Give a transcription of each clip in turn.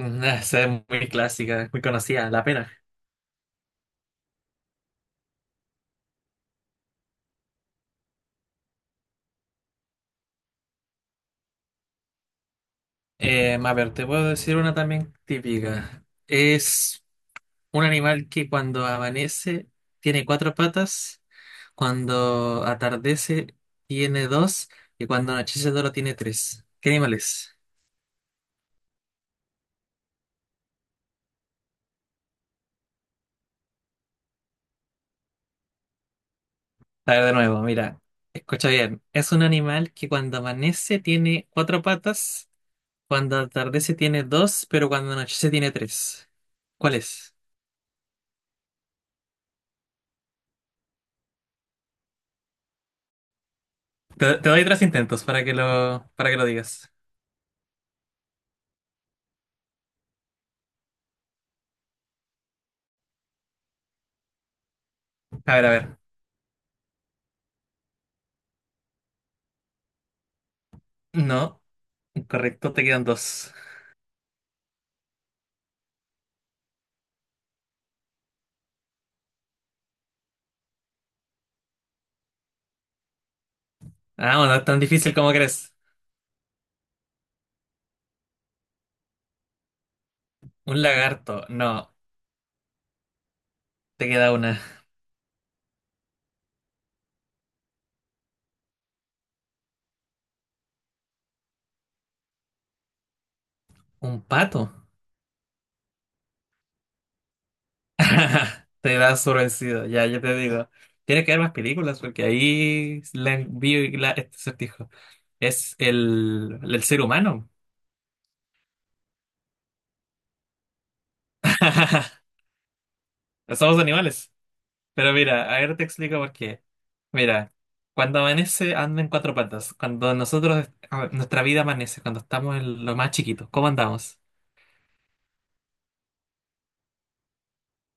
Ah, esa es muy clásica, muy conocida, la pena. A ver, te puedo decir una también típica. Es un animal que cuando amanece tiene cuatro patas, cuando atardece tiene dos y cuando anochece solo tiene tres. ¿Qué animal es? A ver, de nuevo, mira, escucha bien. Es un animal que cuando amanece tiene cuatro patas, cuando atardece tiene dos, pero cuando anochece tiene tres. ¿Cuál es? Te doy tres intentos para que lo digas. A ver, a ver. No, correcto, te quedan dos. Ah, bueno, no es tan difícil como crees. Un lagarto, no, te queda una. Un pato. Te das por vencido, ya, yo te digo. Tiene que haber más películas porque ahí la vi este acertijo. Es el ser humano. Somos animales. Pero mira, a ver te explico por qué. Mira, cuando amanece anda en cuatro patas. Cuando nosotros, a ver, nuestra vida amanece, cuando estamos en lo más chiquito, ¿cómo andamos?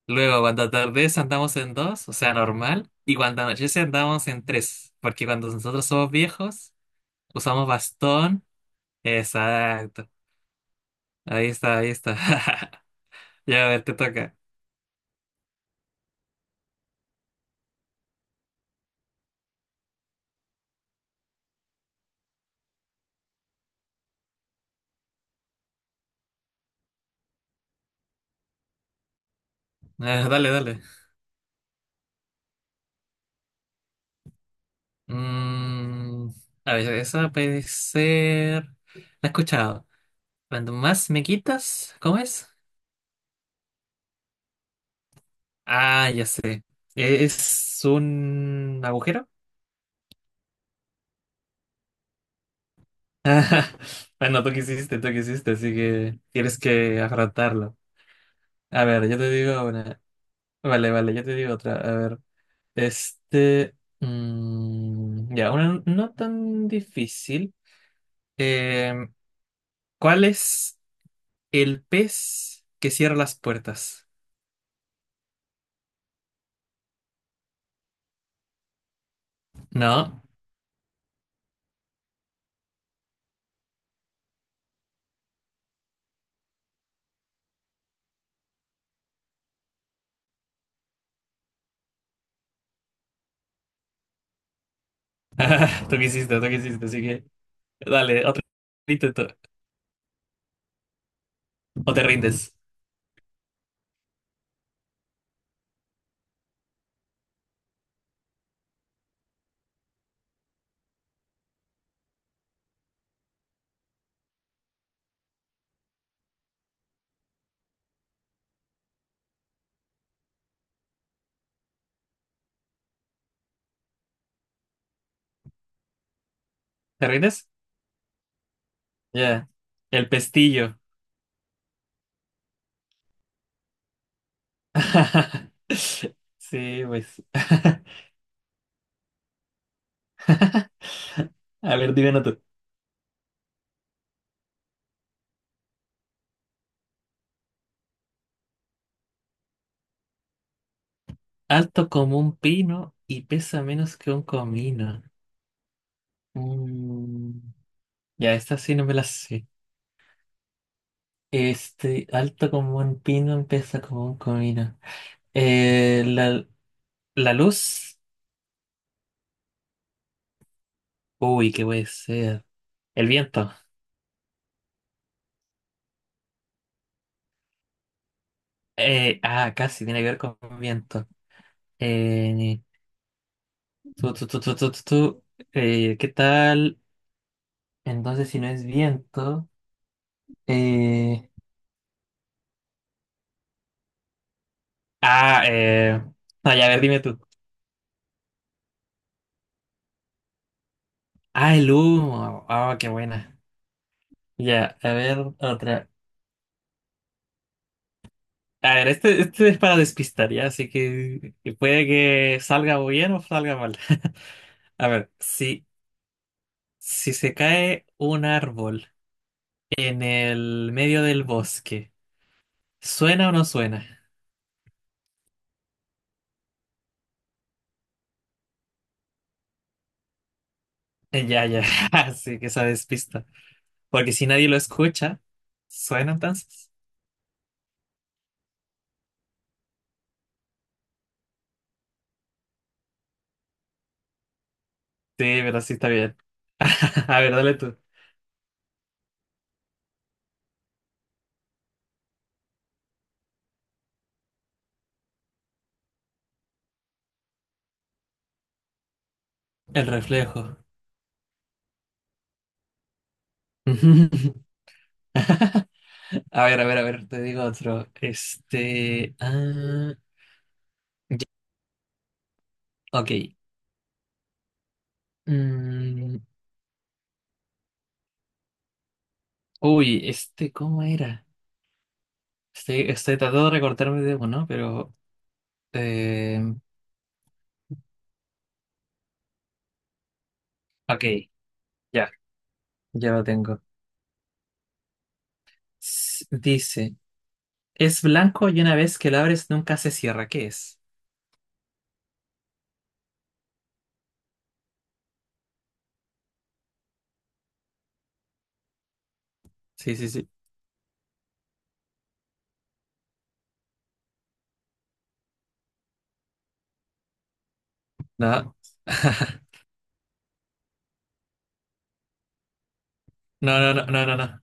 Luego, cuando atardece andamos en dos, o sea, normal. Y cuando anochece andamos en tres, porque cuando nosotros somos viejos, usamos bastón. Exacto. Ahí está, ahí está. Ya, a ver, te toca. Ah, dale, dale. Mm, a ver, esa puede ser... La he escuchado. Cuando más me quitas, ¿cómo es? Ah, ya sé. Es un agujero. Ah, no, tú quisiste, así que tienes que afrontarlo. A ver, yo te digo una. Vale, vale, yo te digo otra. A ver, este. mm, ya, una no tan difícil. Eh, ¿cuál es el pez que cierra las puertas? No. Tú quisiste, así que. Dale, otro intento. ¿O te rindes? ¿Te rindes? Ya. El pestillo. Sí, pues. A ver, dime uno tú. Alto como un pino y pesa menos que un comino. Mm, ya, esta sí no me la sé. Este, alto como un pino, pesa como un comino. Eh, la, la luz. Uy, qué puede ser. El viento. Casi tiene que ver con viento. Eh, tú. ¿qué tal? Entonces, si no es viento. eh, Ah, eh. No, ya, a ver, dime tú. Ah, el humo. Ah, qué buena. Ya, a ver, otra. A ver, este es para despistar, ya, así que puede que salga bien o salga mal. A ver, si se cae un árbol en el medio del bosque, ¿suena o no suena? Eh, Ya, ya, así que esa despista. Porque si nadie lo escucha, ¿suena entonces? Sí, pero sí está bien. A ver, dale tú. El reflejo. A ver, a ver, a ver, te digo otro. Este. Ah, ya, ok. Mm, uy, este, ¿cómo era? Estoy tratando de recortarme de uno, ¿no? pero. eh, ok, ya, ya lo tengo. Dice: es blanco y una vez que lo abres nunca se cierra. ¿Qué es? Sí, sí, sí. No. No, no, no, no, no, no.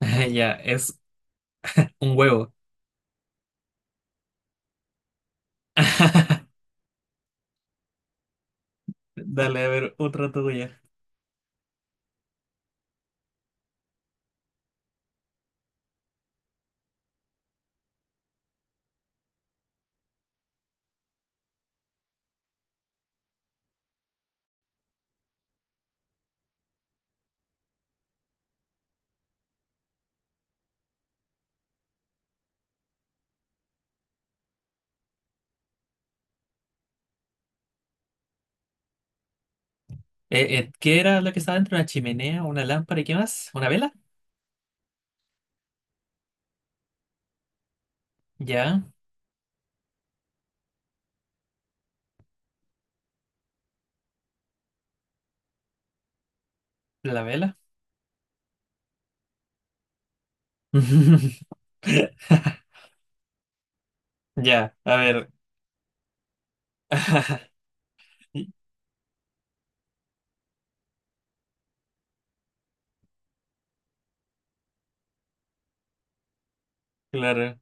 Ya, es un huevo. Dale, a ver, otra tuya. ¿qué era lo que estaba dentro? ¿Una chimenea? ¿Una lámpara? ¿Y qué más? ¿Una vela? Ya, la vela. Ya, a ver. Claro.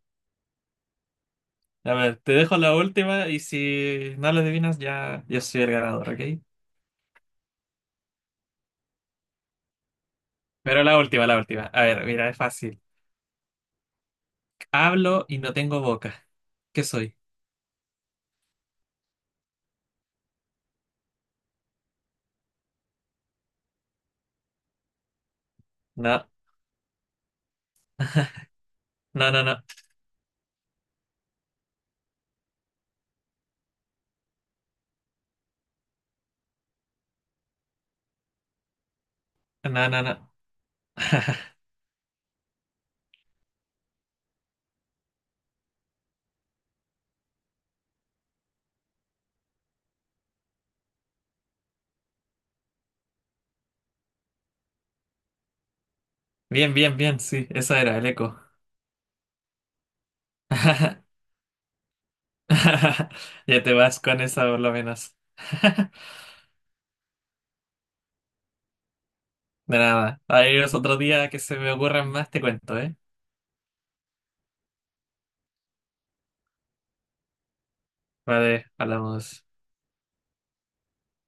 A ver, te dejo la última y si no lo adivinas, ya yo soy el ganador, ¿ok? Pero la última, la última. A ver, mira, es fácil. Hablo y no tengo boca. ¿Qué soy? No, no, no, no. No, no, no. Bien, bien, bien. Sí, esa era el eco. Ya te vas con esa por lo menos. De nada. Ahí es otro día que se me ocurran más, te cuento, ¿eh? Vale, hablamos.